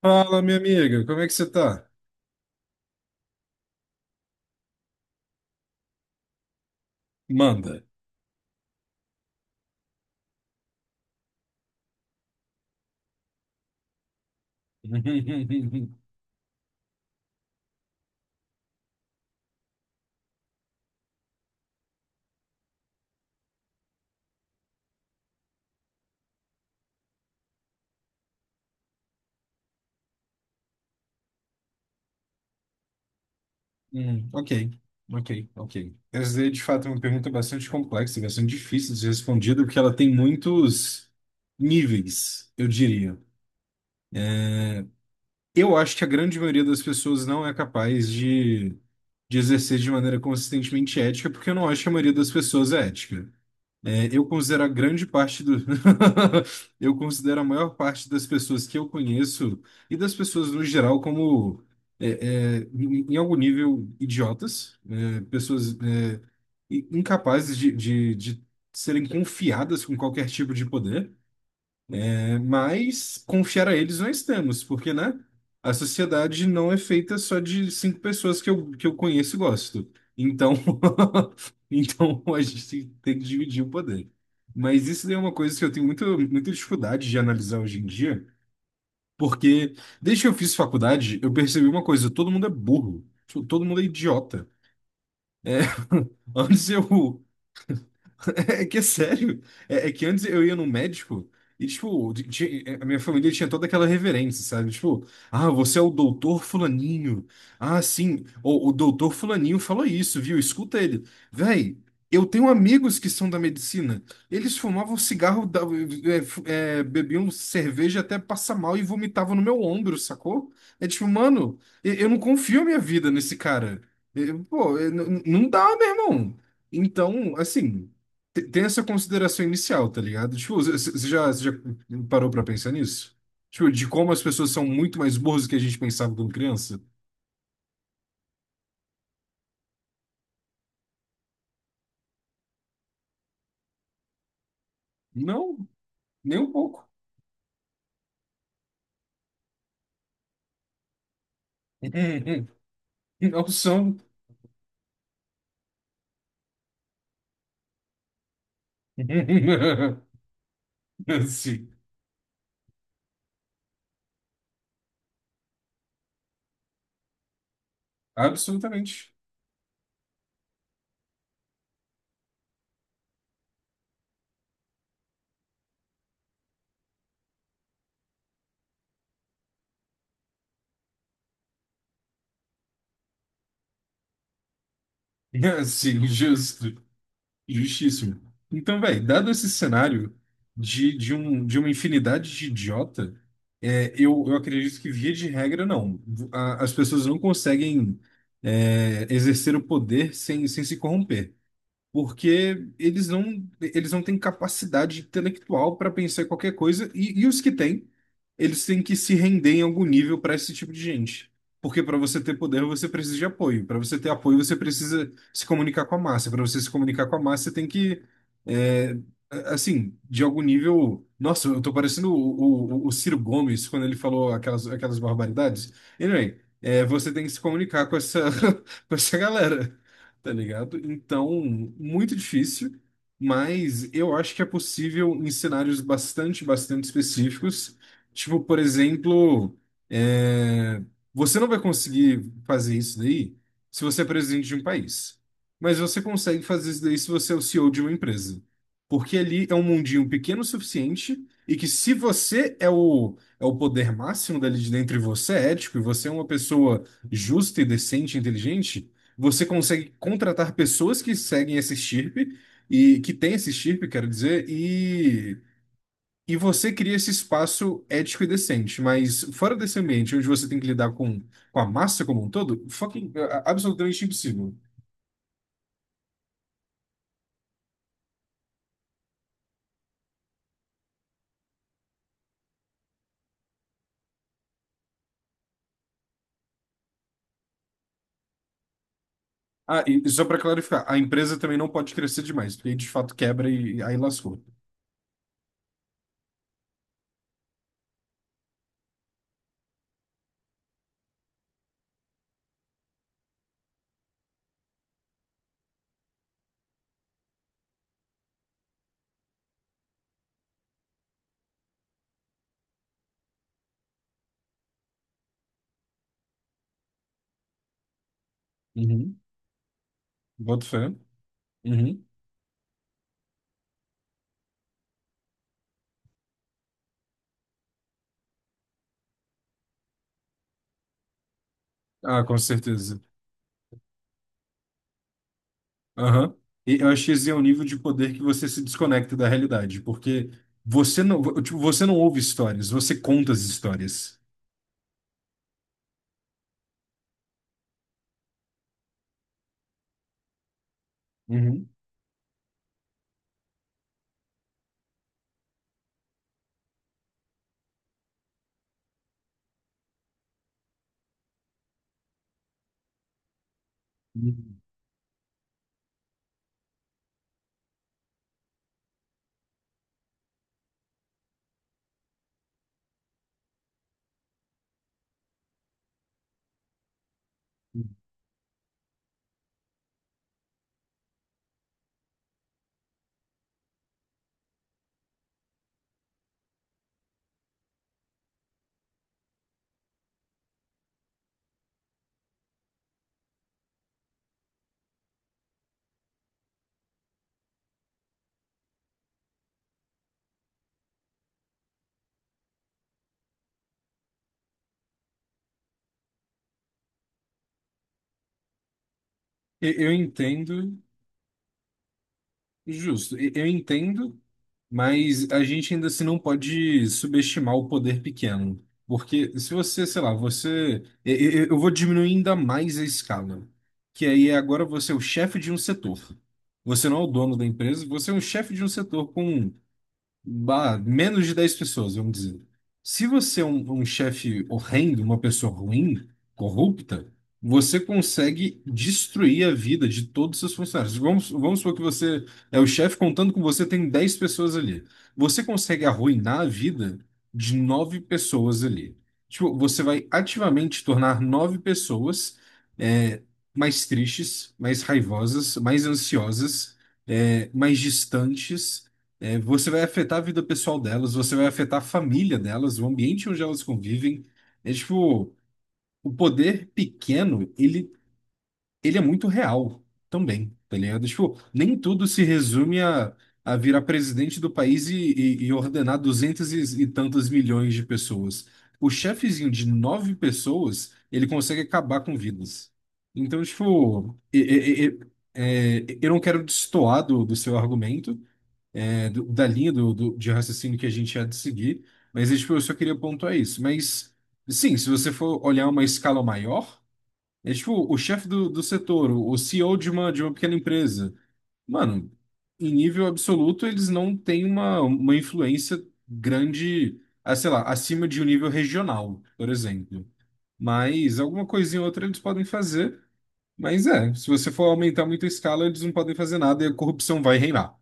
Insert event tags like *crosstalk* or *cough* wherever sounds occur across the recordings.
Fala, minha amiga, como é que você tá? Manda. *laughs* Hum, ok, ok. Essa é de fato uma pergunta bastante complexa, e bastante difícil de ser respondida, porque ela tem muitos níveis, eu diria. Eu acho que a grande maioria das pessoas não é capaz de exercer de maneira consistentemente ética, porque eu não acho que a maioria das pessoas é ética. Eu considero a grande parte do. *laughs* Eu considero a maior parte das pessoas que eu conheço e das pessoas no geral como, em algum nível, idiotas, pessoas, incapazes de serem confiadas com qualquer tipo de poder. Mas confiar a eles não estamos, porque, né? A sociedade não é feita só de cinco pessoas que eu conheço e gosto. Então, *laughs* então a gente tem que dividir o poder. Mas isso daí é uma coisa que eu tenho muita dificuldade de analisar hoje em dia, porque desde que eu fiz faculdade, eu percebi uma coisa: todo mundo é burro, tipo, todo mundo é idiota. É, *laughs* antes eu, é que é sério. É que antes eu ia no médico e, tipo, a minha família tinha toda aquela reverência, sabe? Tipo, ah, você é o doutor fulaninho. Ah, sim, o doutor fulaninho falou isso, viu? Escuta ele. Véi, eu tenho amigos que são da medicina. Eles fumavam cigarro, bebiam cerveja até passar mal e vomitavam no meu ombro, sacou? É tipo, mano, eu não confio a minha vida nesse cara. Eu- pô, eu- n- n- Não dá, meu irmão. Então, assim tem essa consideração inicial, tá ligado? Tipo, você já parou pra pensar nisso? Tipo, de como as pessoas são muito mais burras do que a gente pensava quando criança? Não, nem um pouco. *laughs* Não são. *laughs* Sim, absolutamente. Sim, justo. Justíssimo. Então, velho, dado esse cenário de uma infinidade de idiota, eu acredito que, via de regra, não. A- as pessoas não conseguem, é, exercer o poder sem se corromper porque eles não têm capacidade intelectual para pensar em qualquer coisa e os que têm, eles têm que se render em algum nível para esse tipo de gente. Porque para você ter poder, você precisa de apoio. Para você ter apoio, você precisa se comunicar com a massa. Para você se comunicar com a massa, você tem que, é, assim, de algum nível. Nossa, eu tô parecendo o Ciro Gomes quando ele falou aquelas barbaridades. Anyway, é, você tem que se comunicar com essa, *laughs* com essa galera, tá ligado? Então, muito difícil, mas eu acho que é possível em cenários bastante específicos. Tipo, por exemplo, é, você não vai conseguir fazer isso daí se você é presidente de um país, mas você consegue fazer isso daí se você é o CEO de uma empresa. Porque ali é um mundinho pequeno o suficiente e que se você é o poder máximo dali de dentro e você é ético e você é uma pessoa justa e decente, e inteligente, você consegue contratar pessoas que seguem esse estirpe e que tem esse estirpe, quero dizer, e você cria esse espaço ético e decente. Mas fora desse ambiente onde você tem que lidar com a massa como um todo, fucking, é, é absolutamente impossível. Ah, e só para clarificar, a empresa também não pode crescer demais, porque aí de fato quebra e aí lascou. Uhum. Boto fé. Uhum. Ah, com certeza. Aham. E eu acho que esse é o nível de poder que você se desconecta da realidade, porque você não, tipo, você não ouve histórias, você conta as histórias. Uhum. Uhum. E- eu entendo, justo, e- eu entendo, mas a gente ainda assim não pode subestimar o poder pequeno. Porque se você, sei lá, você. Eu vou diminuir ainda mais a escala. Que aí é agora você é o chefe de um setor. Você não é o dono da empresa, você é o chefe de um setor com bah, menos de 10 pessoas, vamos dizer. Se você é um chefe horrendo, uma pessoa ruim, corrupta, você consegue destruir a vida de todos os seus funcionários. Vamos supor que você é o chefe, contando com você, tem 10 pessoas ali. Você consegue arruinar a vida de nove pessoas ali. Tipo, você vai ativamente tornar nove pessoas é, mais tristes, mais raivosas, mais ansiosas, é, mais distantes é, você vai afetar a vida pessoal delas, você vai afetar a família delas, o ambiente onde elas convivem. É tipo, o poder pequeno, ele é muito real também, tá ligado? Tipo, nem tudo se resume a virar presidente do país e, e ordenar duzentos e tantos milhões de pessoas. O chefezinho de nove pessoas, ele consegue acabar com vidas. Então, tipo, é, eu não quero destoar do, do seu argumento, é, da linha do, de raciocínio que a gente há de seguir, mas é, tipo, eu só queria pontuar isso. Mas, sim, se você for olhar uma escala maior, é tipo o chefe do, do setor, o CEO de uma pequena empresa. Mano, em nível absoluto, eles não têm uma influência grande, ah, sei lá, acima de um nível regional, por exemplo. Mas alguma coisinha ou outra eles podem fazer. Mas é, se você for aumentar muito a escala, eles não podem fazer nada e a corrupção vai reinar.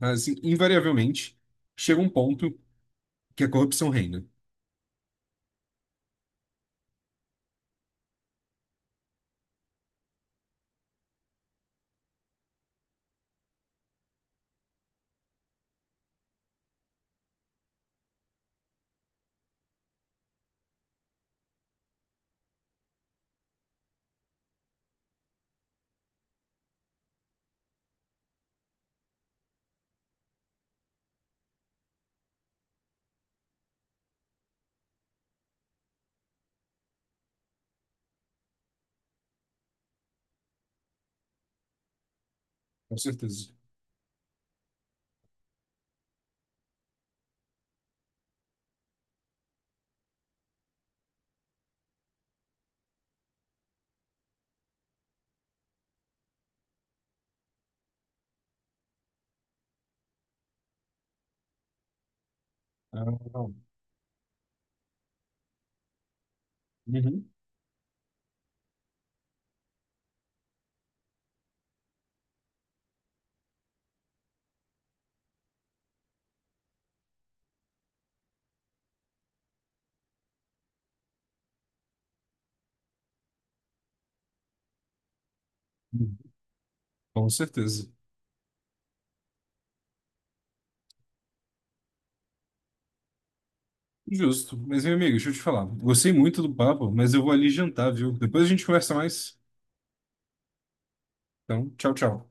Assim, invariavelmente, chega um ponto que a corrupção reina. Com certeza. Ah, não. Uhum. Uhum. Com certeza. Justo. Mas, meu amigo, deixa eu te falar. Gostei muito do papo, mas eu vou ali jantar, viu? Depois a gente conversa mais. Então, tchau, tchau.